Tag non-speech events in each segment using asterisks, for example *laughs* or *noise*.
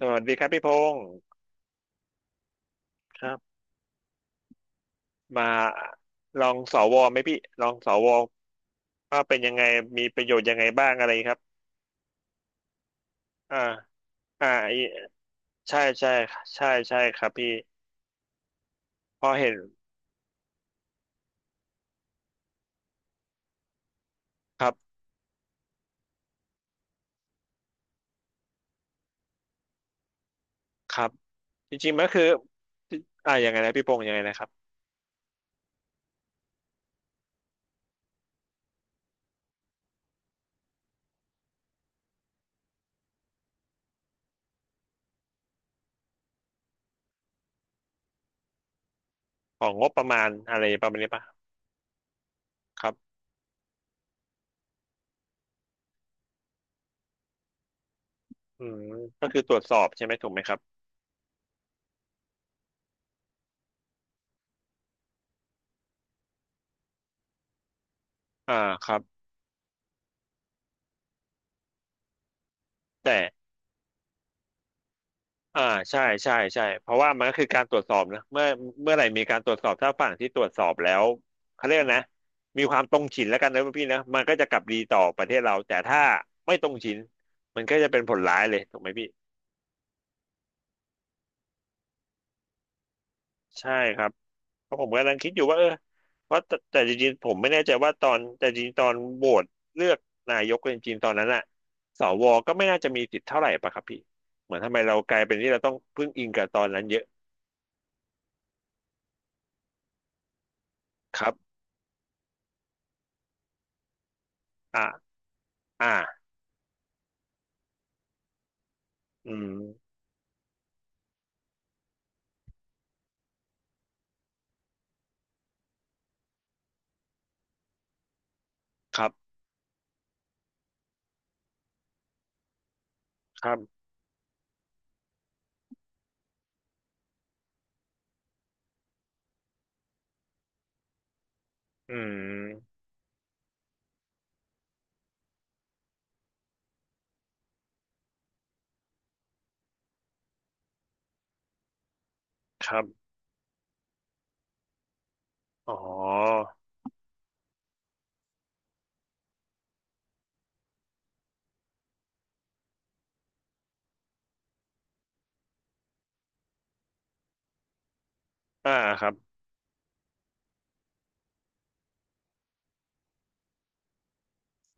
สวัสดีครับพี่พงศ์ครับมาลองสวไหมพี่ลองสวว่าเป็นยังไงมีประโยชน์ยังไงบ้างอะไรครับอ่าอ่าอีใช่ใช่ใช่ครับพี่พอเห็นครับครับจริงๆมันก็คืออ่ายังไงนะพี่พงศ์ยังไงนะครับของงบประมาณอะไรประมาณนี้ปะครับอืมก็คือตรวจสอบใช่ไหมถูกไหมครับอ่าครับแต่ อ่าใช่ใช่ใช่เพราะว่ามันก็คือการตรวจสอบนะเมื่อไหร่มีการตรวจสอบถ้าฝั่งที่ตรวจสอบแล้วเขาเรียกนะมีความตรงฉินแล้วกันนะพี่นะมันก็จะกลับดีต่อประเทศเราแต่ถ้าไม่ตรงฉินมันก็จะเป็นผลร้ายเลยถูกไหมพี่ใช่ครับเพราะผมกำลังคิดอยู่ว่าว่าแต่จริงๆผมไม่แน่ใจว่าตอนแต่จริงๆตอนโหวตเลือกนายกจริงๆตอนนั้นอะสวก็ไม่น่าจะมีสิทธิ์เท่าไหร่ปะครับพี่เหมือนทำไมเรากลายเป็นที่เราต้องพึ่งอิงกับตอนนั้นเยอะครับอ่าอ่าอืม ครับครับอืมครับอ๋ออ่าครับ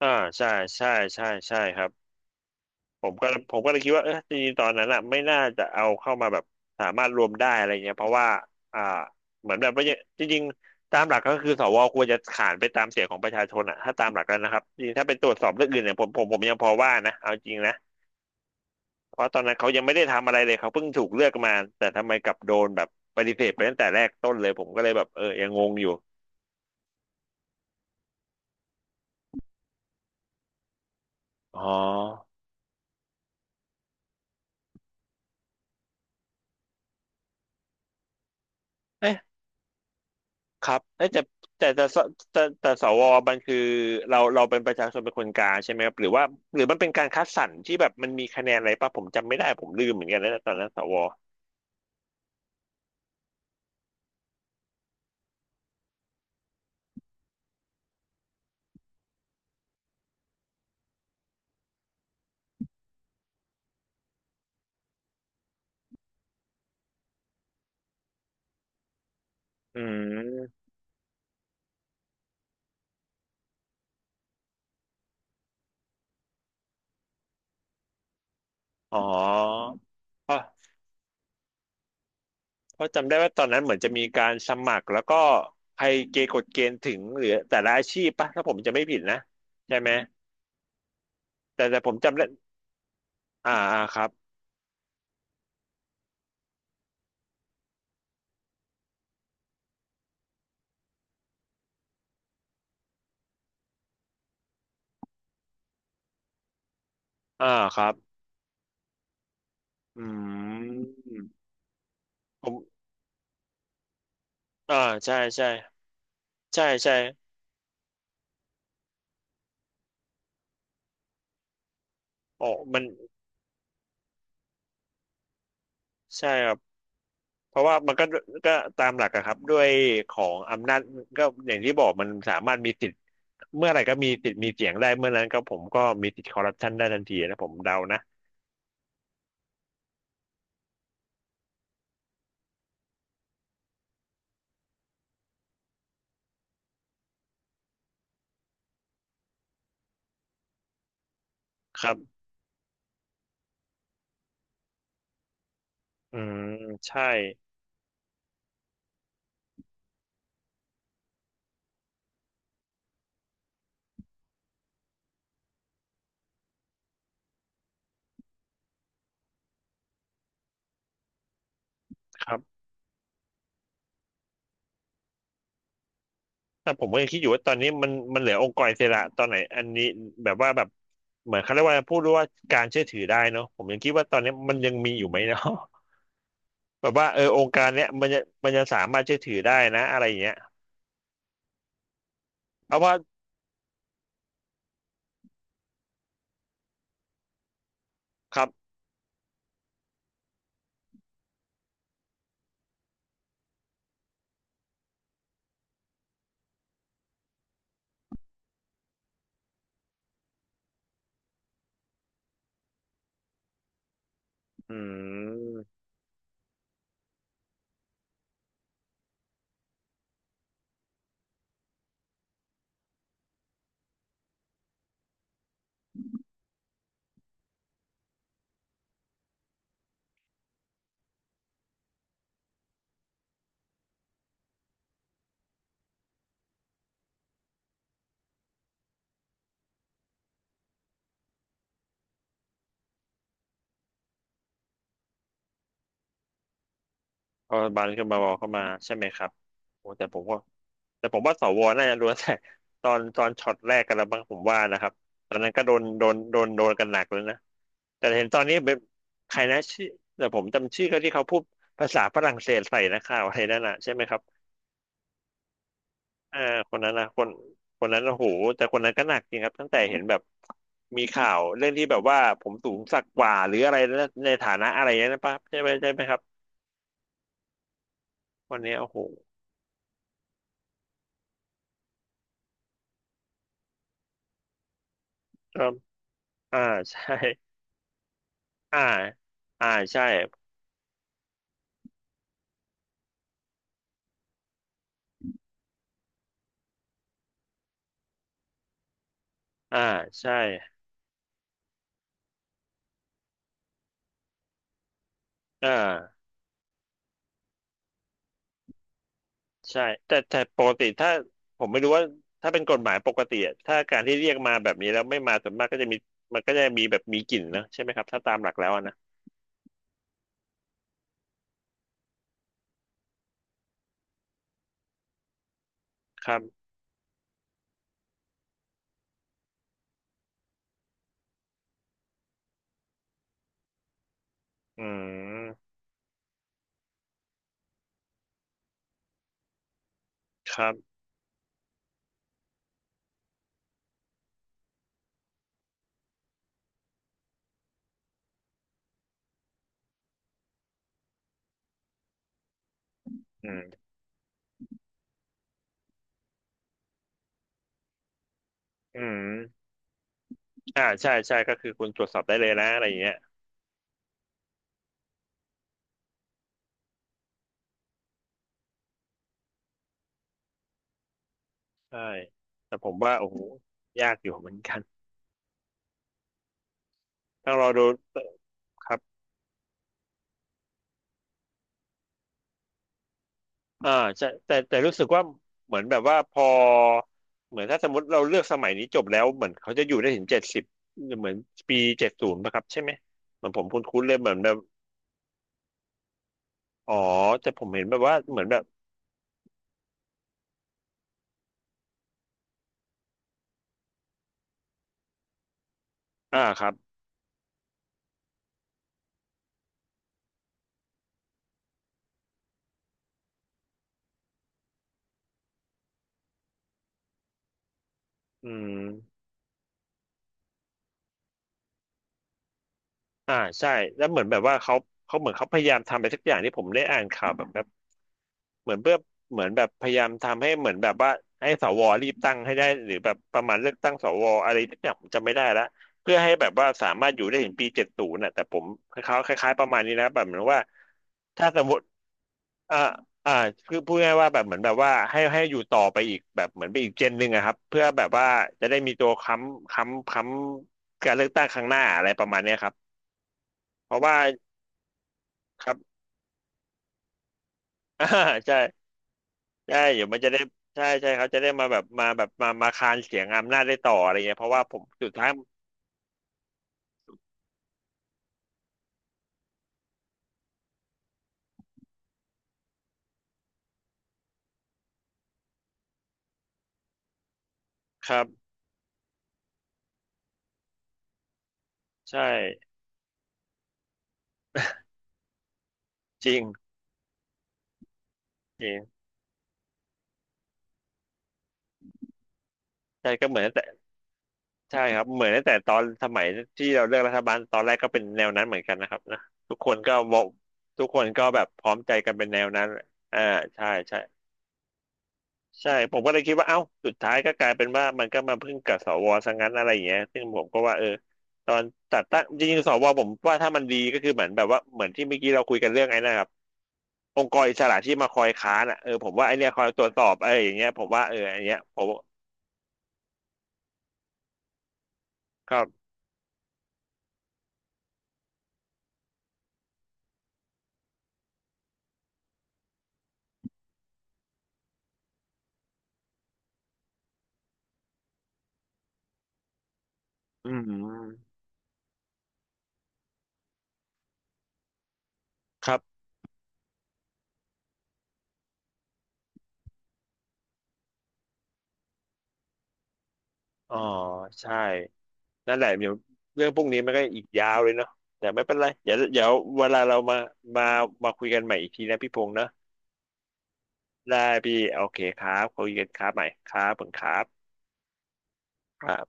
อ่าใช่ใช่ใช่ครับผมก็เลยคิดว่าจริงๆตอนนั้นอ่ะไม่น่าจะเอาเข้ามาแบบสามารถรวมได้อะไรเงี้ยเพราะว่าอ่าเหมือนแบบว่าจริงๆตามหลักก็คือสวควรจะขานไปตามเสียงของประชาชนอ่ะถ้าตามหลักแล้วนะครับจริงๆถ้าไปตรวจสอบเรื่องอื่นเนี่ยผมยังพอว่านะเอาจริงนะเพราะตอนนั้นเขายังไม่ได้ทำอะไรเลยเขาเพิ่งถูกเลือกมาแต่ทำไมกลับโดนแบบปฏิเสธไปตั้งแต่แรกต้นเลยผมก็เลยแบบยังงงอยู่อ๋อ เอ๊ะครับเอ๊ะแต่แต่แต่สแต่แต่สวมันคือเราเป็นประชาชนเป็นคนกลางใช่ไหมครับหรือว่าหรือมันเป็นการคัดสรรที่แบบมันมีคะแนนอะไรป่ะผมจำไม่ได้ผมลืมเหมือนกันนะตอนนั้นสวอืมอ๋อเพราะเพราะจำได้ว่าตอนนั้นเหมือนจะมีการสมัครแล้วก็ใครเกณฑ์กฎเกณฑ์ถึงหรือแต่ละอาชีพป่ะถ้าผมจะไม่ผิดนะใช่ไหมแต่ผมจำได้อ่าอ่าครับอ่าครับอืมผมอ่าใช่ใช่ใช่อ๋อมัน ใช่ครับเพราะว่ามันก็ตามหลักอะครับด้วยของอำนาจก็อย่างที่บอกมันสามารถมีสิทธิ์เมื่อไหร่ก็มีสิทธิ์มีเสียงได้เมื่อนั้นก็ผมก็มีสิทธิ์คอร์รัปชันได้ทันทีนะผมเดานะครับอืมใช่ครับแต่ผมก็ยังคิดอยู่ว่าตอนนี้มันเหลือองค์กรอิสระตอนไหนอันนี้แบบว่าแบบเหมือนเขาเรียกว่าพูดว่าการเชื่อถือได้เนาะผมยังคิดว่าตอนนี้มันยังมีอยู่ไหมเนาะ *laughs* แบบว่าองค์การเนี้ยมันจะสามารถเชื่อถือได้นะอะไรอย่างเงี้ยเพราะว่าครับอืม เพราะบานขึ้นมาบอเข้ามาใช่ไหมครับโอ้แต่ผมก็แต่ผมว่าสวน่าจะรู้แต่ตอนช็อตแรกกันแล้วบ้างผมว่านะครับตอนนั้นก็โดนกันหนักเลยนะแต่เห็นตอนนี้เป็นใครนะชื่อแต่ผมจำชื่อเขาที่เขาพูดภาษาฝรั่งเศสใส่นะข่าวอะไรนั่นน่ะใช่ไหมครับอ่าคนนั้นนะคนคนนั้นโอ้โหแต่คนนั้นก็หนักจริงครับตั้งแต่เห็นแบบมีข่าวเรื่องที่แบบว่าผมสูงสักกว่าหรืออะไรนะในฐานะอะไรนะป้าใช่ไหมครับวันนี้โอ้โหเริ่มอ่าใช่ อ่าอ่าใช่อ่าใช่อ่าใช่ แต่ปกติถ้าผมไม่รู้ว่าถ้าเป็นกฎหมายปกติอะถ้าการที่เรียกมาแบบนี้แล้วไม่มาส่วนมากก็จะมีก็จะมีแบบมีกลิ่นนะใช่ไหมครับ ถ้าตามหลักแล้วอะนะครับอืมครับอืมอืมอ่าใช่ใช่ก็คือคุณตรวจสอบได้เลยนะอะไรอย่างเงี้ยใช่แต่ผมว่าโอ้โหยากอยู่เหมือนกันต้องรอดูครับ อ่าใช่แต่รู้สึกว่าเหมือนแบบว่าพอเหมือนถ้าสมมติเราเลือกสมัยนี้จบแล้วเหมือนเขาจะอยู่ได้ถึง70เหมือนปี70ป่ะครับใช่ไหมเหมือนผมคุ้นๆเลยเหมือนแบบอ๋อแต่ผมเห็นแบบว่าเหมือนแบบอ่าครับอืมอ่าใช่แล้วเหมือนแบบว่าเขาเขาเหมือนเขาพยายามทำอะไรสักอย่างที่ผมได้อ่านข่าวแบบ เหมือนเพื่อเหมือนแบบพยายามทำให้เหมือนแบบว่าให้สวรีบตั้งให้ได้หรือแบบประมาณเลือกตั้งสวอะไรที่อย่างผมจำไม่ได้ละเพื่อให้แบบว่าสามารถอยู่ได้ถึงปีเจ็ดศูนย์น่ะแต่ผมคล้ายๆคล้ายๆประมาณนี้นะแบบเหมือนว่าถ้าสมมติอ่าอ่าคือพูดง่ายๆว่าแบบเหมือนแบบว่าให้อยู่ต่อไปอีกแบบเหมือนไปอีกเจนหนึ่งอะครับเพื่อแบบว่าจะได้มีตัวค้ำการเลือกตั้งครั้งหน้าอะไรประมาณเนี้ยครับเพราะว่าครับ *laughs* อ่าใช่ ใช่เดี๋ยวมันจะได้ใช่เขาจะได้มาแบบมาแบบมามาคานเสียงอำนาจได้ต่ออะไรเงี้ยเพราะว่าผมสุดท้ายครับใช่จริงจริงใช่ก็เหมือนตั้งแต่ใช่ครับเหมือนตั้งแต่ตอนสมัยที่เราเลือกรัฐบาลตอนแรกก็เป็นแนวนั้นเหมือนกันนะครับนะทุกคนก็บอกทุกคนก็แบบพร้อมใจกันเป็นแนวนั้นอ่าใช่ใช่ใช่ผมก็เลยคิดว่าเอ้าสุดท้ายก็กลายเป็นว่ามันก็มาพึ่งกับสวซะงั้นอะไรอย่างเงี้ยซึ่งผมก็ว่าเออตอนตัดตั้งจริงๆสวผมว่าถ้ามันดีก็คือเหมือนแบบว่าเหมือนที่เมื่อกี้เราคุยกันเรื่องไอ้นะครับ องค์กรอิสระที่มาคอยค้านอ่ะเออผมว่าไอเนี้ยคอยตรวจสอบไอออย่างเงี้ยผมว่าเอออันเนี้ยผมก็อืมครับอ๋อใช่นั่นแหละเดี๋ยวเรื่องพวกนี้มันก็อีกยาวเลยเนาะแต่ไม่เป็นไรเดี๋ยวเวลาเรามามาคุยกันใหม่อีกทีนะพี่พงษ์นะได้พี่โอเคครับคุยกันครับใหม่ครับผมครับครับ